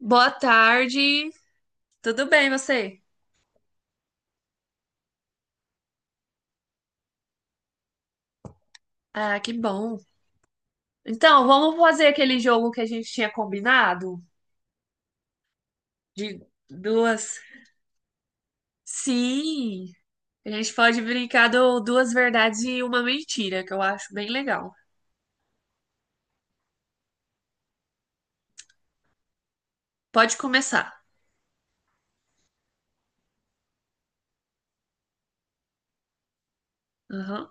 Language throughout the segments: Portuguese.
Boa tarde. Tudo bem, você? Ah, que bom. Então, vamos fazer aquele jogo que a gente tinha combinado? De duas. Sim, a gente pode brincar do duas verdades e uma mentira, que eu acho bem legal. Pode começar. Aham.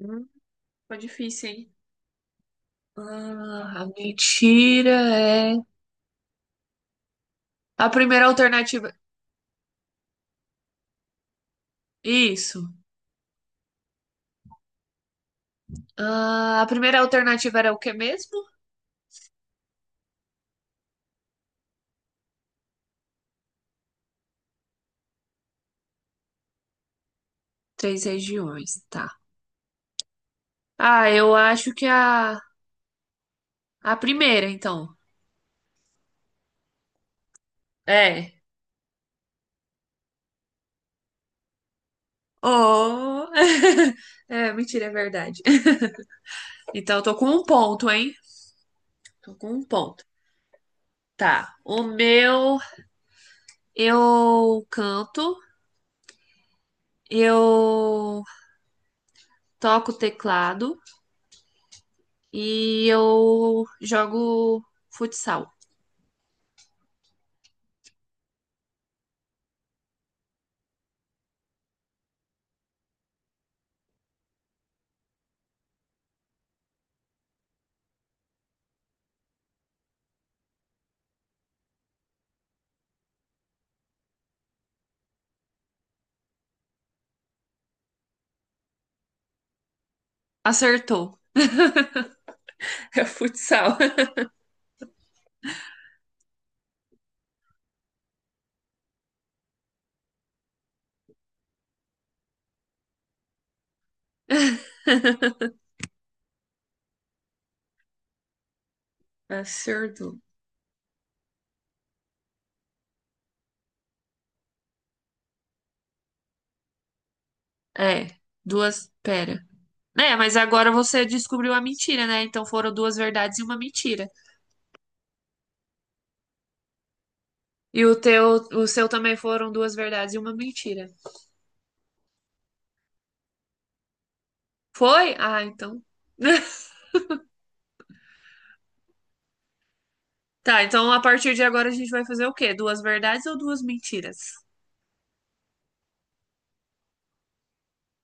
Hum, ficou difícil, hein? Ah, a mentira é. A primeira alternativa. Isso. Ah, a primeira alternativa era o que mesmo? Três regiões, tá. Ah, eu acho que a. A primeira, então. É. Oh! É, mentira, é verdade. Então, eu tô com um ponto, hein? Tô com um ponto. Tá. O meu, eu canto, eu toco teclado e eu jogo futsal. Acertou. É futsal. Acertou. É, duas. Pera. É, mas agora você descobriu a mentira, né? Então foram duas verdades e uma mentira. E o teu, o seu também foram duas verdades e uma mentira. Foi? Ah, então. Tá, então a partir de agora a gente vai fazer o quê? Duas verdades ou duas mentiras?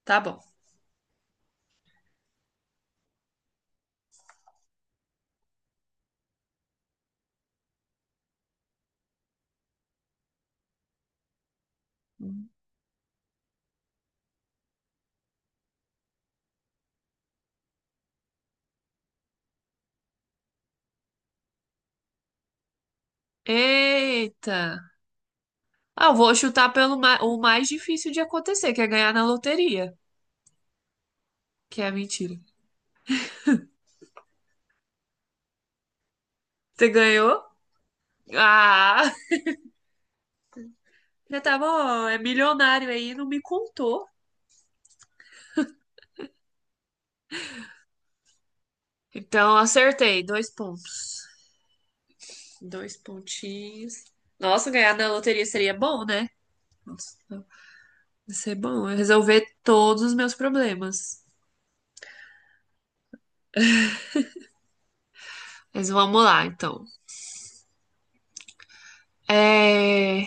Tá bom. Eita! Ah, eu vou chutar pelo o mais difícil de acontecer, que é ganhar na loteria, que é a mentira. Você ganhou? Ah! Já tá bom, é milionário aí, não me contou. Então acertei, dois pontos. Dois pontinhos. Nossa, ganhar na loteria seria bom, né? Nossa, vai ser bom. Eu resolver todos os meus problemas. Mas vamos lá, então. É,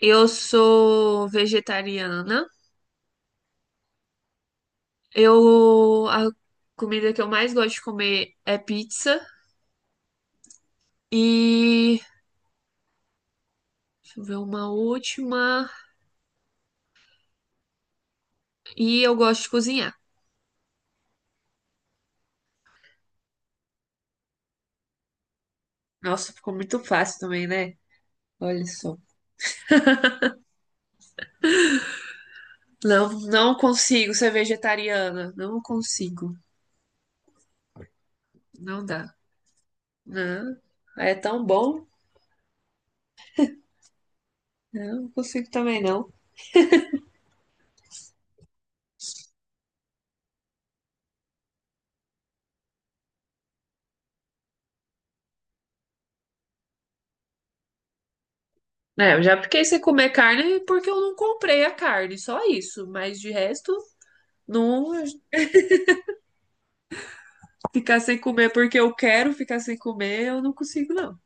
eu sou vegetariana. Eu... a comida que eu mais gosto de comer é pizza. E... deixa eu ver uma última. E eu gosto de cozinhar. Nossa, ficou muito fácil também, né? Olha só. Não, não consigo ser vegetariana. Não consigo. Não dá. Não. É tão bom. Não consigo também, não. É, eu já fiquei sem comer carne porque eu não comprei a carne, só isso. Mas de resto, não ficar sem comer porque eu quero ficar sem comer, eu não consigo, não.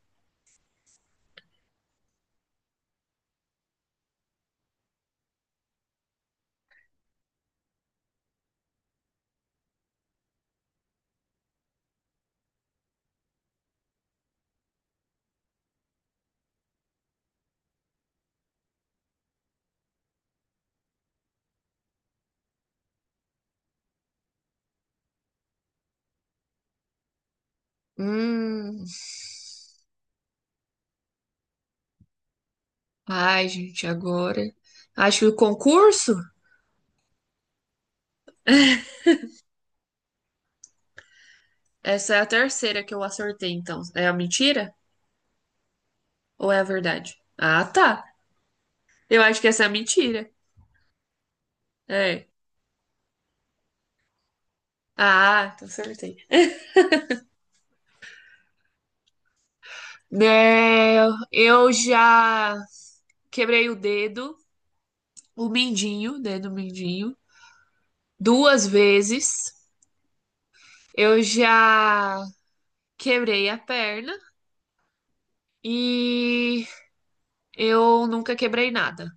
Hum. Ai, gente, agora. Acho que o concurso? Essa é a terceira que eu acertei, então. É a mentira ou é a verdade? Ah, tá. Eu acho que essa é a mentira. É. Ah, então acertei. Né, eu já quebrei o dedo, o mindinho, dedo mindinho. Duas vezes. Eu já quebrei a perna e eu nunca quebrei nada.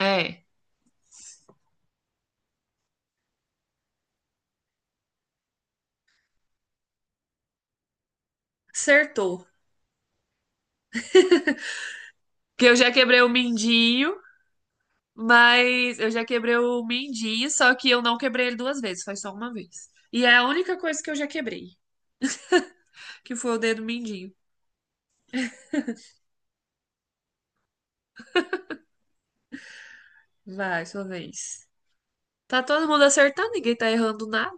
É, acertou. Porque eu já quebrei o mindinho, mas eu já quebrei o mindinho, só que eu não quebrei ele duas vezes, foi só uma vez. E é a única coisa que eu já quebrei, que foi o dedo mindinho. Vai, sua vez. Tá todo mundo acertando, ninguém tá errando nada.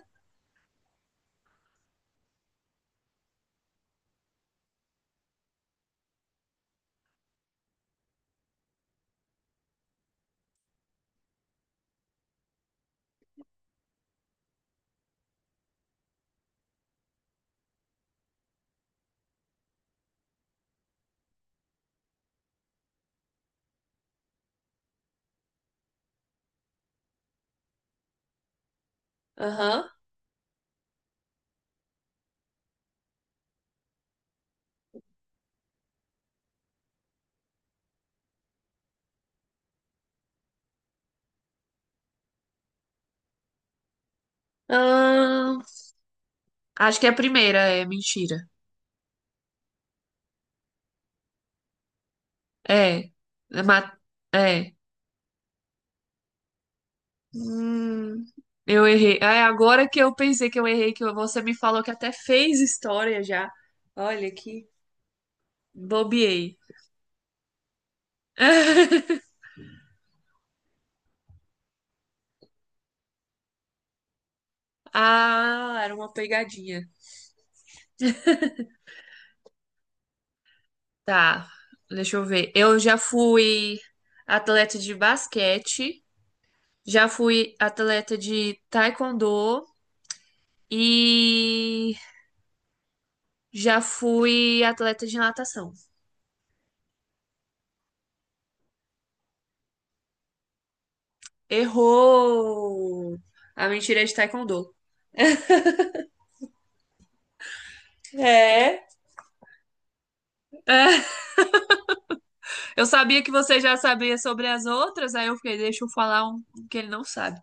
Aham. Ahn, acho que é a primeira é mentira. É. É. É. Hum, eu errei. É, agora que eu pensei que eu errei, que você me falou que até fez história já. Olha que bobiei. Ah, era uma pegadinha. Tá, deixa eu ver. Eu já fui atleta de basquete, já fui atleta de taekwondo e já fui atleta de natação. Errou! A mentira é de taekwondo. É? É, eu sabia que você já sabia sobre as outras, aí eu fiquei, deixa eu falar um que ele não sabe.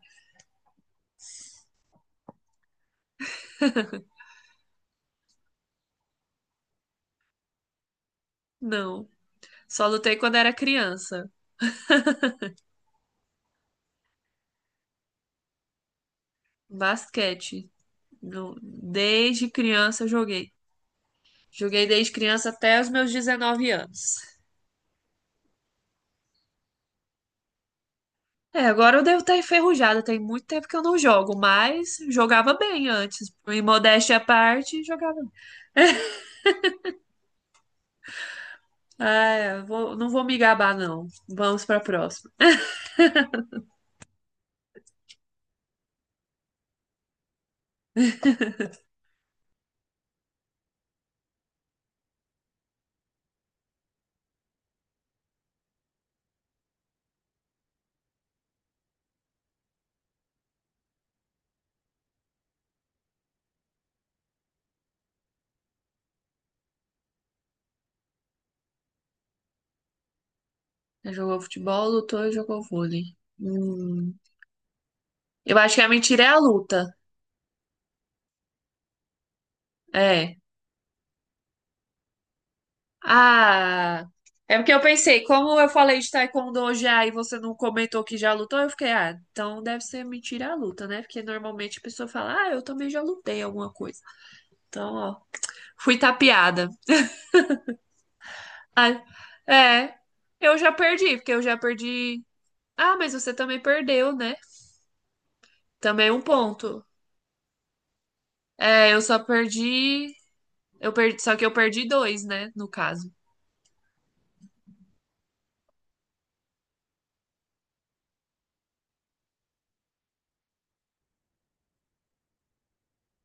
Não, só lutei quando era criança. Basquete. Desde criança eu joguei. Joguei desde criança até os meus 19 anos. É, agora eu devo estar enferrujada, tem muito tempo que eu não jogo, mas jogava bem antes. Em modéstia à parte, jogava. Bem. Ah, não vou me gabar, não. Vamos para a próxima. Jogou futebol, lutou e jogou vôlei. Hum, eu acho que a mentira é a luta. É. Ah, é porque eu pensei, como eu falei de taekwondo já e você não comentou que já lutou, eu fiquei, ah, então deve ser mentira a luta, né? Porque normalmente a pessoa fala, ah, eu também já lutei alguma coisa. Então, ó, fui tapeada. Ah, é, porque eu já perdi. Ah, mas você também perdeu, né? Também é um ponto. É, eu perdi, só que eu perdi dois, né, no caso.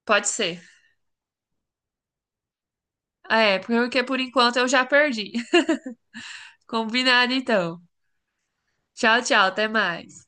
Pode ser. É, porque por enquanto eu já perdi. Combinado então. Tchau, tchau, até mais.